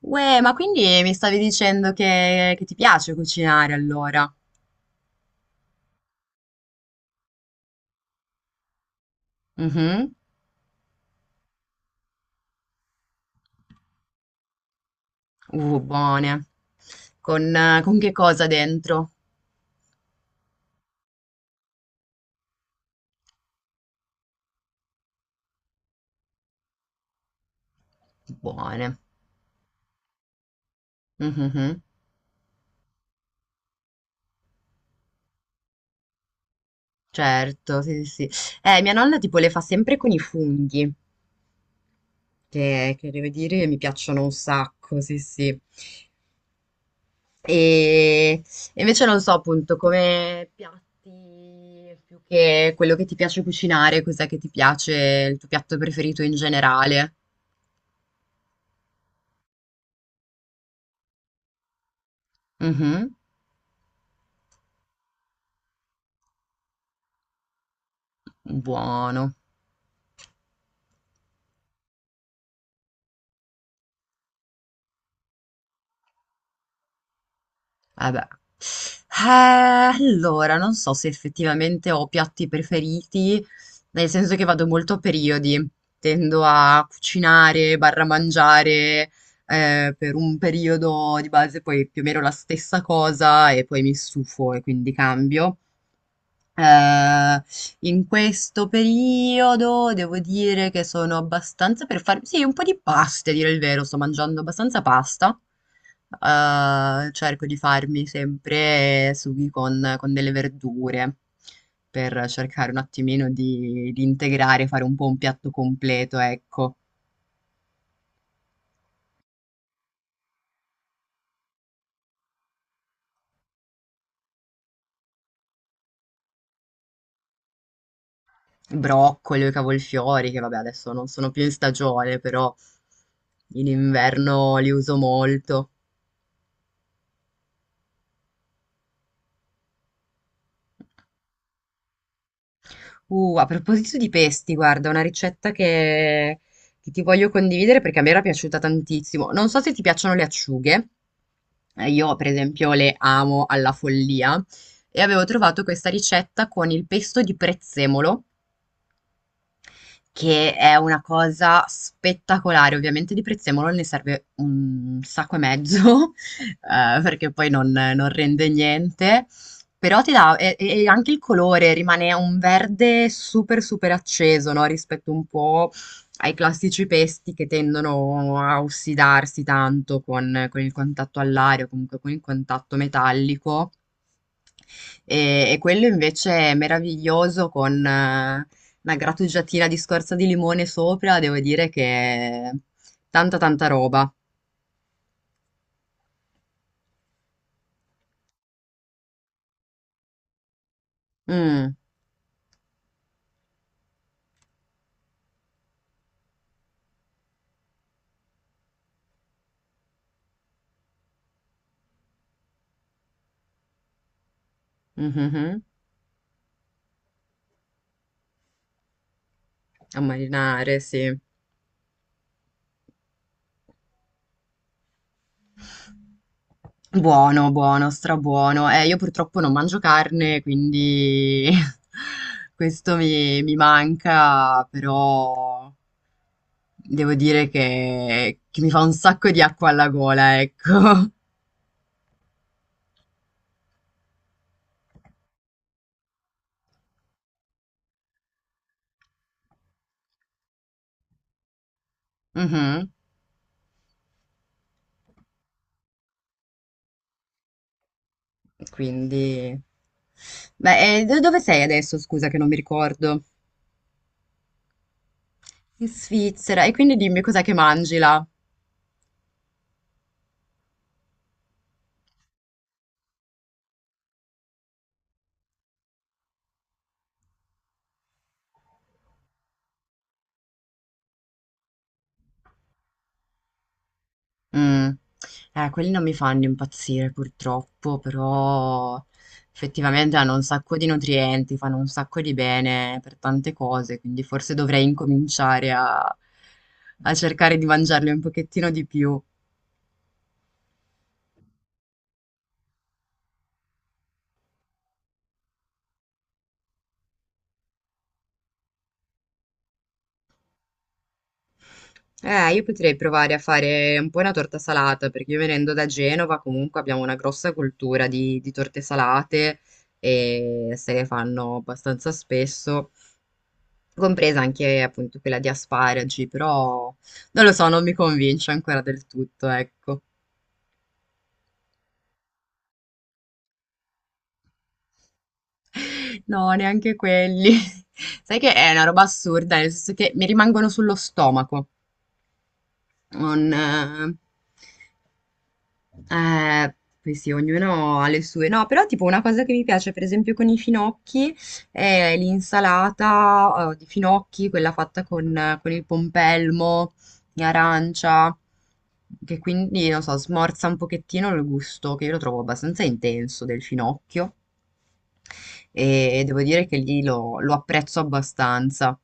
Uè, ma quindi mi stavi dicendo che ti piace cucinare allora? Mhm. Buone. Con che cosa dentro? Buone. Mhm. Certo, sì, sì, sì. Mia nonna tipo le fa sempre con i funghi, che devo dire mi piacciono un sacco, sì, sì. E e invece non so appunto come piatti più che quello che ti piace cucinare, cos'è che ti piace, il tuo piatto preferito in generale. Mhm. Buono. Eh beh. Allora, non so se effettivamente ho piatti preferiti, nel senso che vado molto a periodi. Tendo a cucinare, barra mangiare, per un periodo di base, poi più o meno la stessa cosa e poi mi stufo e quindi cambio. Eh, In questo periodo devo dire che sono abbastanza per farmi, sì, un po' di pasta, a dire il vero, sto mangiando abbastanza pasta. Cerco di farmi sempre sughi con delle verdure per cercare un attimino di integrare, fare un po' un piatto completo, ecco. Broccoli o i cavolfiori, che vabbè, adesso non sono più in stagione, però in inverno li uso molto. A proposito di pesti, guarda, una ricetta che ti voglio condividere perché a me era piaciuta tantissimo. Non so se ti piacciono le acciughe, io per esempio le amo alla follia e avevo trovato questa ricetta con il pesto di prezzemolo che è una cosa spettacolare. Ovviamente di prezzemolo ne serve un sacco e mezzo, perché poi non rende niente. Però ti dà, e anche il colore rimane un verde super super acceso, no? Rispetto un po' ai classici pesti che tendono a ossidarsi tanto con il contatto all'aria o comunque con il contatto metallico. E quello invece è meraviglioso con una grattugiatina di scorza di limone sopra, devo dire che è tanta tanta roba. Mm, mhm. A marinare, sì. Buono, buono, strabuono. Io purtroppo non mangio carne, quindi questo mi manca, però devo dire che mi fa un sacco di acqua alla gola, ecco. Mhm. Quindi... Beh, e dove sei adesso? Scusa che non mi ricordo. In Svizzera. E quindi dimmi cos'è che mangi là? Mm. Quelli non mi fanno impazzire purtroppo, però effettivamente hanno un sacco di nutrienti, fanno un sacco di bene per tante cose, quindi forse dovrei incominciare a cercare di mangiarli un pochettino di più. Io potrei provare a fare un po' una torta salata, perché io venendo da Genova comunque abbiamo una grossa cultura di torte salate e se ne fanno abbastanza spesso, compresa anche appunto quella di asparagi, però non lo so, non mi convince ancora del tutto, ecco. No, neanche quelli. Sai che è una roba assurda, nel senso che mi rimangono sullo stomaco. Non, Eh, Poi sì, ognuno ha le sue. No, però tipo una cosa che mi piace, per esempio, con i finocchi è l'insalata, di finocchi, quella fatta con il pompelmo, in arancia, che quindi, non so, smorza un pochettino il gusto, che io lo trovo abbastanza intenso del finocchio. E devo dire che lì lo apprezzo abbastanza.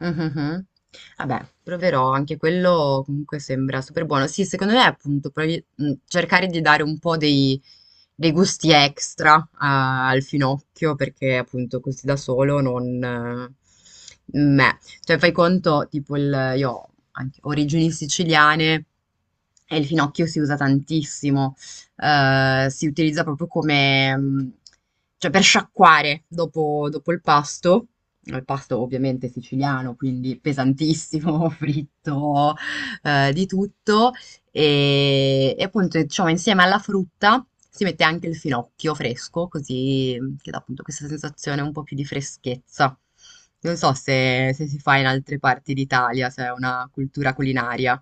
Mhm. Vabbè, proverò, anche quello comunque sembra super buono. Sì, secondo me appunto cercare di dare un po' dei gusti extra al finocchio perché appunto così da solo non... meh. Cioè fai conto, io ho anche origini siciliane e il finocchio si usa tantissimo. Si utilizza proprio come... cioè per sciacquare dopo il pasto. Il pasto ovviamente siciliano, quindi pesantissimo, fritto, di tutto. E appunto, diciamo, insieme alla frutta si mette anche il finocchio fresco, così mm, che dà appunto questa sensazione un po' più di freschezza. Non so se si fa in altre parti d'Italia, se è una cultura culinaria.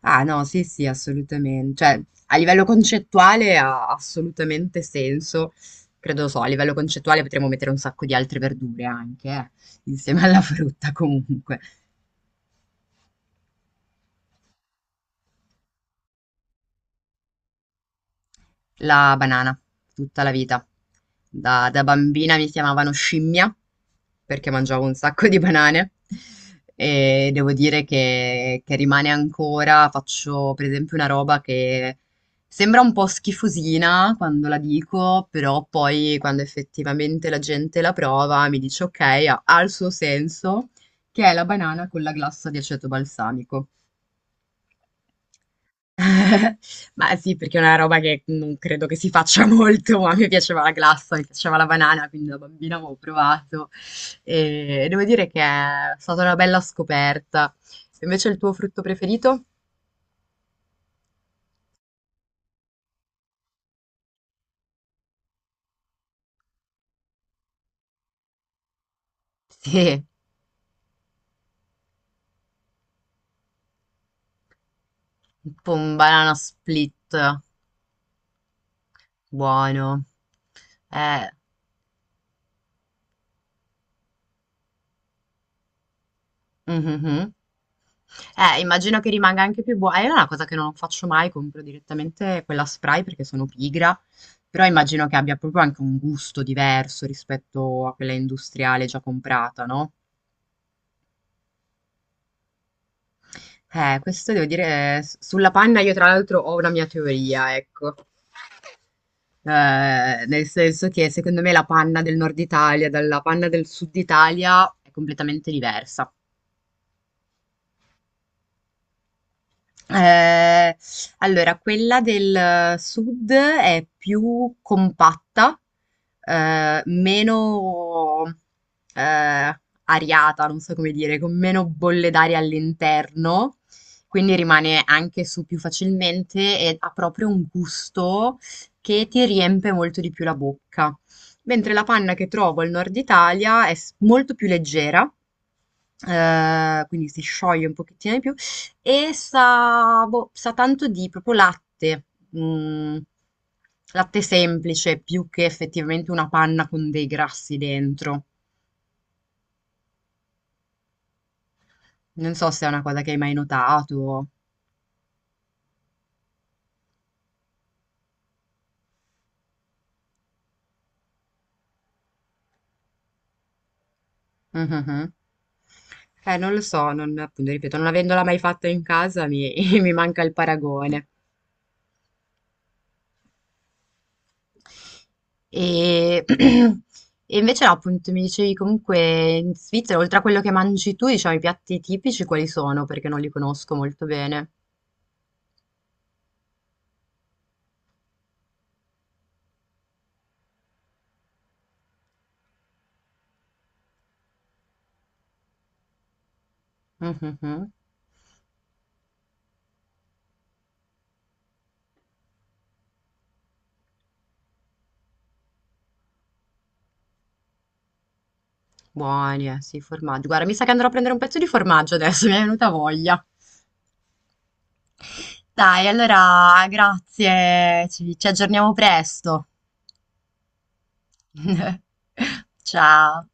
Ah no, sì, sì, assolutamente. Cioè, a livello concettuale ha assolutamente senso. Credo lo so, a livello concettuale potremmo mettere un sacco di altre verdure anche, insieme alla frutta comunque. La banana, tutta la vita. Da bambina mi chiamavano scimmia perché mangiavo un sacco di banane e devo dire che rimane ancora, faccio per esempio una roba che sembra un po' schifosina quando la dico, però poi quando effettivamente la gente la prova mi dice ok, ha il suo senso, che è la banana con la glassa di aceto balsamico. Ma sì, perché è una roba che non credo che si faccia molto, ma a me piaceva la glassa, mi piaceva la banana, quindi da bambina avevo provato. E devo dire che è stata una bella scoperta. Invece il tuo frutto preferito? Sì, tipo un banana split, buono. Eh, mhm. Immagino che rimanga anche più buo è una cosa che non faccio mai, compro direttamente quella spray perché sono pigra, però immagino che abbia proprio anche un gusto diverso rispetto a quella industriale già comprata, no? Questo devo dire, sulla panna io tra l'altro ho una mia teoria, ecco. Nel senso che secondo me la panna del nord Italia dalla panna del sud Italia è completamente diversa. Ehm, allora quella del sud è più compatta, ehm, meno, ehm, ariata, non so come dire, con meno bolle d'aria all'interno, quindi rimane anche su più facilmente e ha proprio un gusto che ti riempie molto di più la bocca. Mentre la panna che trovo al nord Italia è molto più leggera. Quindi si scioglie un pochettino di più e sa, boh, sa tanto di proprio latte, mm, latte semplice più che effettivamente una panna con dei grassi dentro. Non so se è una cosa che hai mai notato. Mhm. Non lo so, non, appunto, ripeto, non avendola mai fatta in casa mi, mi manca il paragone. E, e invece no, appunto mi dicevi comunque in Svizzera, oltre a quello che mangi tu, diciamo i piatti tipici quali sono? Perché non li conosco molto bene. Mhm. Buoni, sì, formaggio. Guarda, mi sa che andrò a prendere un pezzo di formaggio adesso, mi è venuta voglia. Dai, allora, grazie, ci aggiorniamo presto. Ciao.